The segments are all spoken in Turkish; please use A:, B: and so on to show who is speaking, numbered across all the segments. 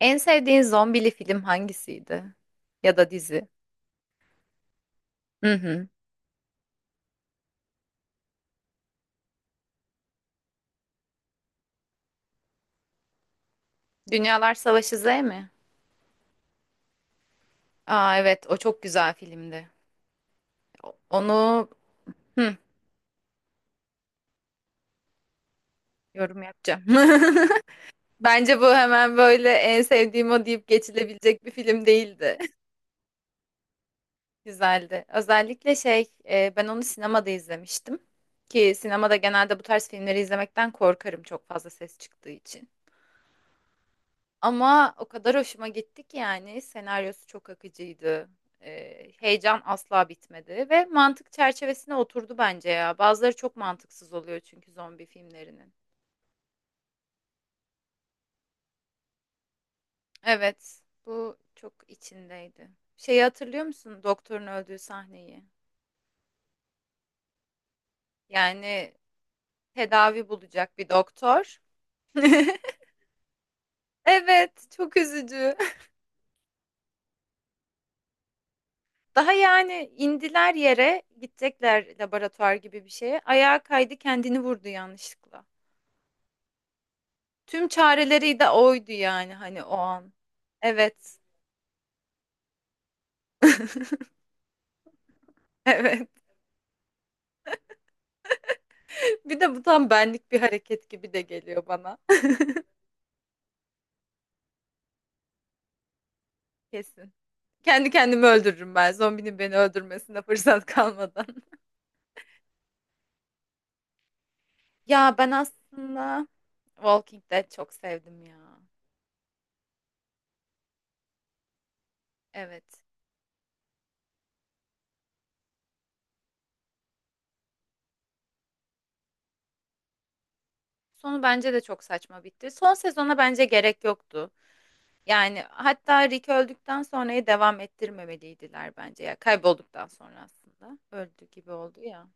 A: En sevdiğin zombili film hangisiydi? Ya da dizi? Hı hı. Dünyalar Savaşı Z mi? Aa evet o çok güzel filmdi. Onu, hı, yorum yapacağım. Bence bu hemen böyle en sevdiğim o deyip geçilebilecek bir film değildi. Güzeldi. Özellikle şey, ben onu sinemada izlemiştim. Ki sinemada genelde bu tarz filmleri izlemekten korkarım çok fazla ses çıktığı için. Ama o kadar hoşuma gitti ki yani senaryosu çok akıcıydı. Heyecan asla bitmedi ve mantık çerçevesine oturdu bence ya. Bazıları çok mantıksız oluyor çünkü zombi filmlerinin. Evet, bu çok içindeydi. Şeyi hatırlıyor musun? Doktorun öldüğü sahneyi. Yani tedavi bulacak bir doktor. Evet, çok üzücü. Daha yani indiler yere, gidecekler laboratuvar gibi bir şeye. Ayağa kaydı, kendini vurdu yanlışlıkla. Tüm çareleri de oydu yani hani o an. Evet. Evet. Bir de bu tam benlik bir hareket gibi de geliyor bana. Kesin. Kendi kendimi öldürürüm ben. Zombinin beni öldürmesine fırsat kalmadan. Ya ben aslında Walking Dead çok sevdim ya. Evet. Sonu bence de çok saçma bitti. Son sezona bence gerek yoktu. Yani hatta Rick öldükten sonrayı devam ettirmemeliydiler bence ya. Kaybolduktan sonra aslında. Öldü gibi oldu ya.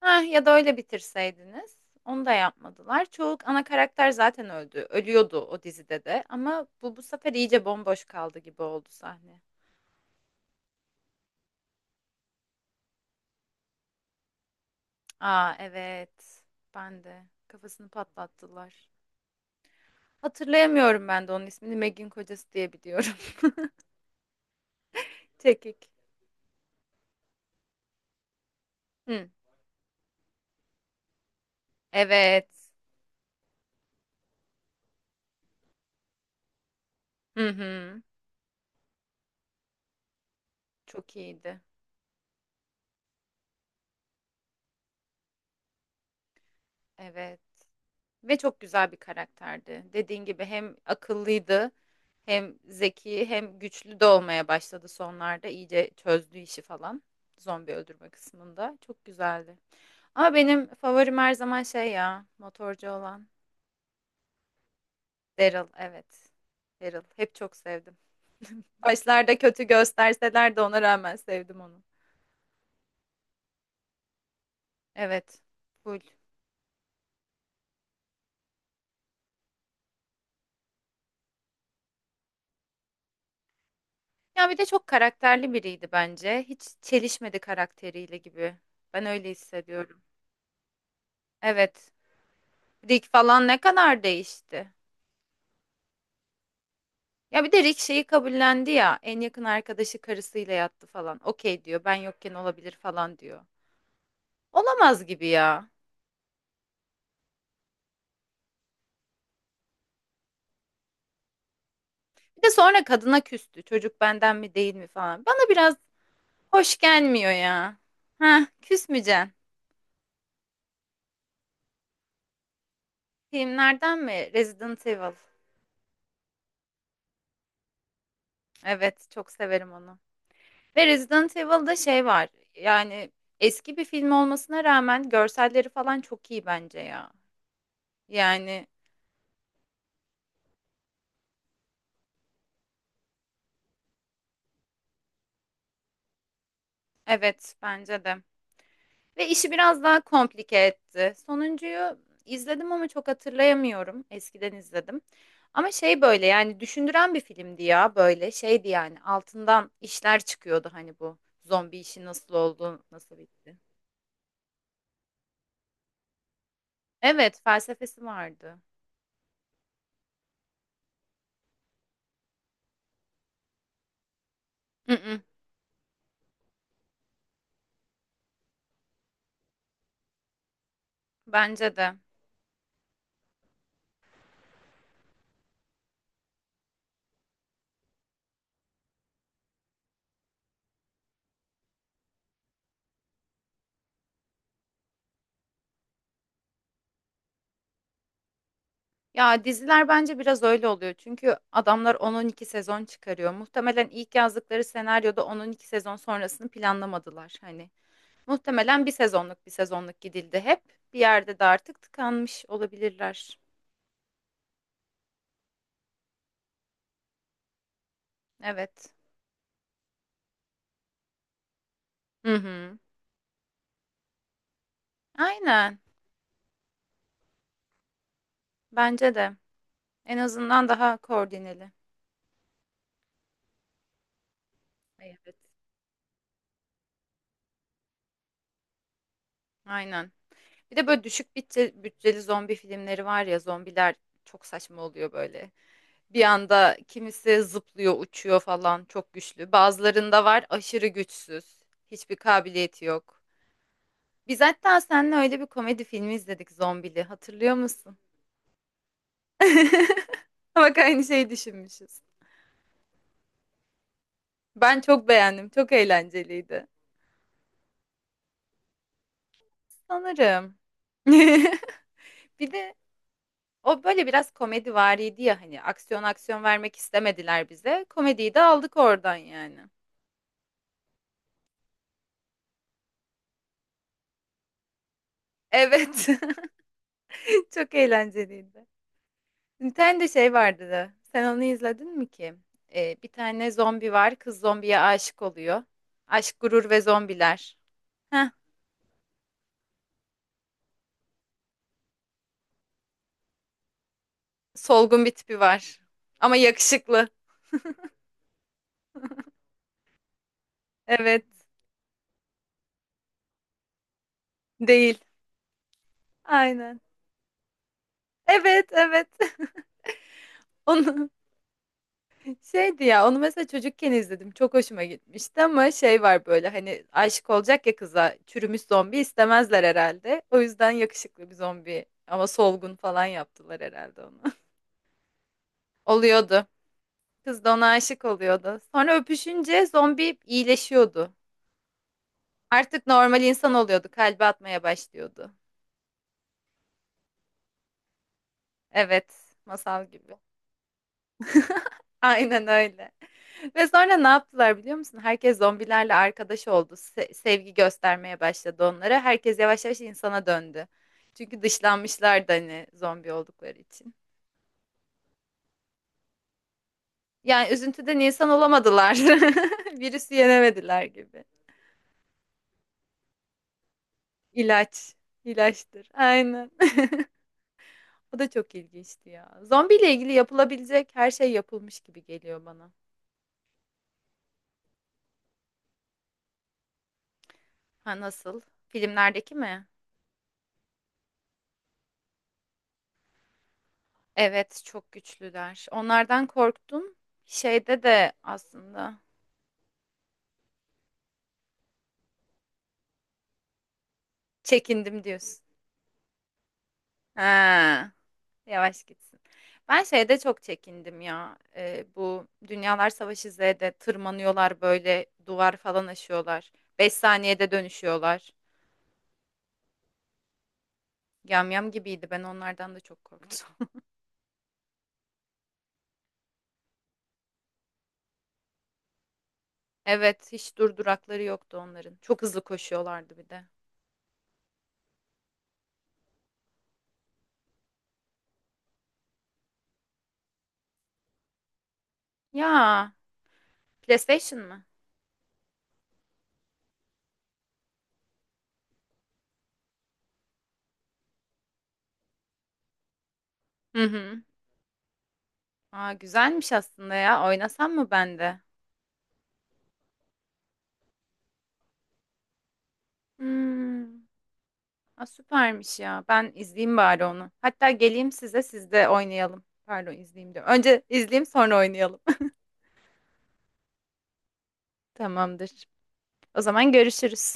A: Heh, ya da öyle bitirseydiniz. Onu da yapmadılar. Çoğu ana karakter zaten öldü. Ölüyordu o dizide de. Ama bu sefer iyice bomboş kaldı gibi oldu sahne. Aa evet. Ben de. Kafasını patlattılar. Hatırlayamıyorum ben de onun ismini. Meg'in kocası diye biliyorum. Çekik. Hı. Evet. Hı hı. Çok iyiydi. Evet. Ve çok güzel bir karakterdi. Dediğin gibi hem akıllıydı, hem zeki, hem güçlü de olmaya başladı sonlarda. İyice çözdü işi falan. Zombi öldürme kısmında. Çok güzeldi. Ama benim favorim her zaman şey ya, motorcu olan Daryl. Evet. Daryl. Hep çok sevdim. Başlarda kötü gösterseler de ona rağmen sevdim onu. Evet. Full. Ya bir de çok karakterli biriydi bence. Hiç çelişmedi karakteriyle gibi. Ben öyle hissediyorum. Evet. Rick falan ne kadar değişti. Ya bir de Rick şeyi kabullendi ya. En yakın arkadaşı karısıyla yattı falan. Okey diyor. Ben yokken olabilir falan diyor. Olamaz gibi ya. Bir de sonra kadına küstü. Çocuk benden mi değil mi falan. Bana biraz hoş gelmiyor ya. Heh, küsmeyeceksin. Filmlerden mi? Resident Evil. Evet, çok severim onu. Ve Resident Evil'da şey var. Yani eski bir film olmasına rağmen görselleri falan çok iyi bence ya. Yani evet bence de. Ve işi biraz daha komplike etti. Sonuncuyu izledim ama çok hatırlayamıyorum. Eskiden izledim. Ama şey böyle yani düşündüren bir filmdi ya böyle şeydi yani altından işler çıkıyordu hani bu zombi işi nasıl oldu nasıl bitti. Evet felsefesi vardı. Mm-mm, bence de. Ya diziler bence biraz öyle oluyor. Çünkü adamlar 10-12 sezon çıkarıyor. Muhtemelen ilk yazdıkları senaryoda 10-12 sezon sonrasını planlamadılar. Hani muhtemelen bir sezonluk bir sezonluk gidildi hep. Bir yerde de artık tıkanmış olabilirler. Evet. Hı hı. Aynen. Bence de. En azından daha koordineli. Evet. Aynen. Bir de böyle düşük bütçe, bütçeli zombi filmleri var ya zombiler çok saçma oluyor böyle. Bir anda kimisi zıplıyor, uçuyor falan çok güçlü. Bazılarında var aşırı güçsüz. Hiçbir kabiliyeti yok. Biz hatta seninle öyle bir komedi filmi izledik zombili. Hatırlıyor musun? Bak aynı şeyi düşünmüşüz. Ben çok beğendim. Çok eğlenceliydi. Sanırım. Bir de o böyle biraz komedi komedivariydi ya hani aksiyon aksiyon vermek istemediler bize. Komediyi de aldık oradan yani. Evet. Çok eğlenceliydi. Bir tane de şey vardı da. Sen onu izledin mi ki? Bir tane zombi var. Kız zombiye aşık oluyor. Aşk, gurur ve zombiler. Heh, solgun bir tipi var. Ama yakışıklı. Evet. Değil. Aynen. Evet, evet. Onu şeydi ya, onu mesela çocukken izledim. Çok hoşuma gitmişti ama şey var böyle hani aşık olacak ya kıza. Çürümüş zombi istemezler herhalde. O yüzden yakışıklı bir zombi ama solgun falan yaptılar herhalde onu. Oluyordu. Kız da ona aşık oluyordu. Sonra öpüşünce zombi iyileşiyordu. Artık normal insan oluyordu. Kalbi atmaya başlıyordu. Evet, masal gibi. Aynen öyle. Ve sonra ne yaptılar biliyor musun? Herkes zombilerle arkadaş oldu. Sevgi göstermeye başladı onlara. Herkes yavaş yavaş insana döndü. Çünkü dışlanmışlardı hani zombi oldukları için. Yani üzüntüden insan olamadılar. Virüsü yenemediler gibi. İlaç. İlaçtır. Aynen. O da çok ilginçti ya. Zombiyle ilgili yapılabilecek her şey yapılmış gibi geliyor bana. Ha nasıl? Filmlerdeki mi? Evet, çok güçlüler. Onlardan korktum. Şeyde de aslında çekindim diyorsun. Ha, yavaş gitsin. Ben şeyde çok çekindim ya. Bu Dünyalar Savaşı Z'de tırmanıyorlar böyle duvar falan aşıyorlar. 5 saniyede dönüşüyorlar. Yamyam gibiydi. Ben onlardan da çok korktum. Evet, hiç durdurakları yoktu onların. Çok hızlı koşuyorlardı bir de. Ya, PlayStation mı? Hı hı. Aa, güzelmiş aslında ya. Oynasam mı ben de? Hmm. Aa, süpermiş ya. Ben izleyeyim bari onu. Hatta geleyim size siz de oynayalım. Pardon izleyeyim diyorum. Önce izleyeyim sonra oynayalım. Tamamdır. O zaman görüşürüz.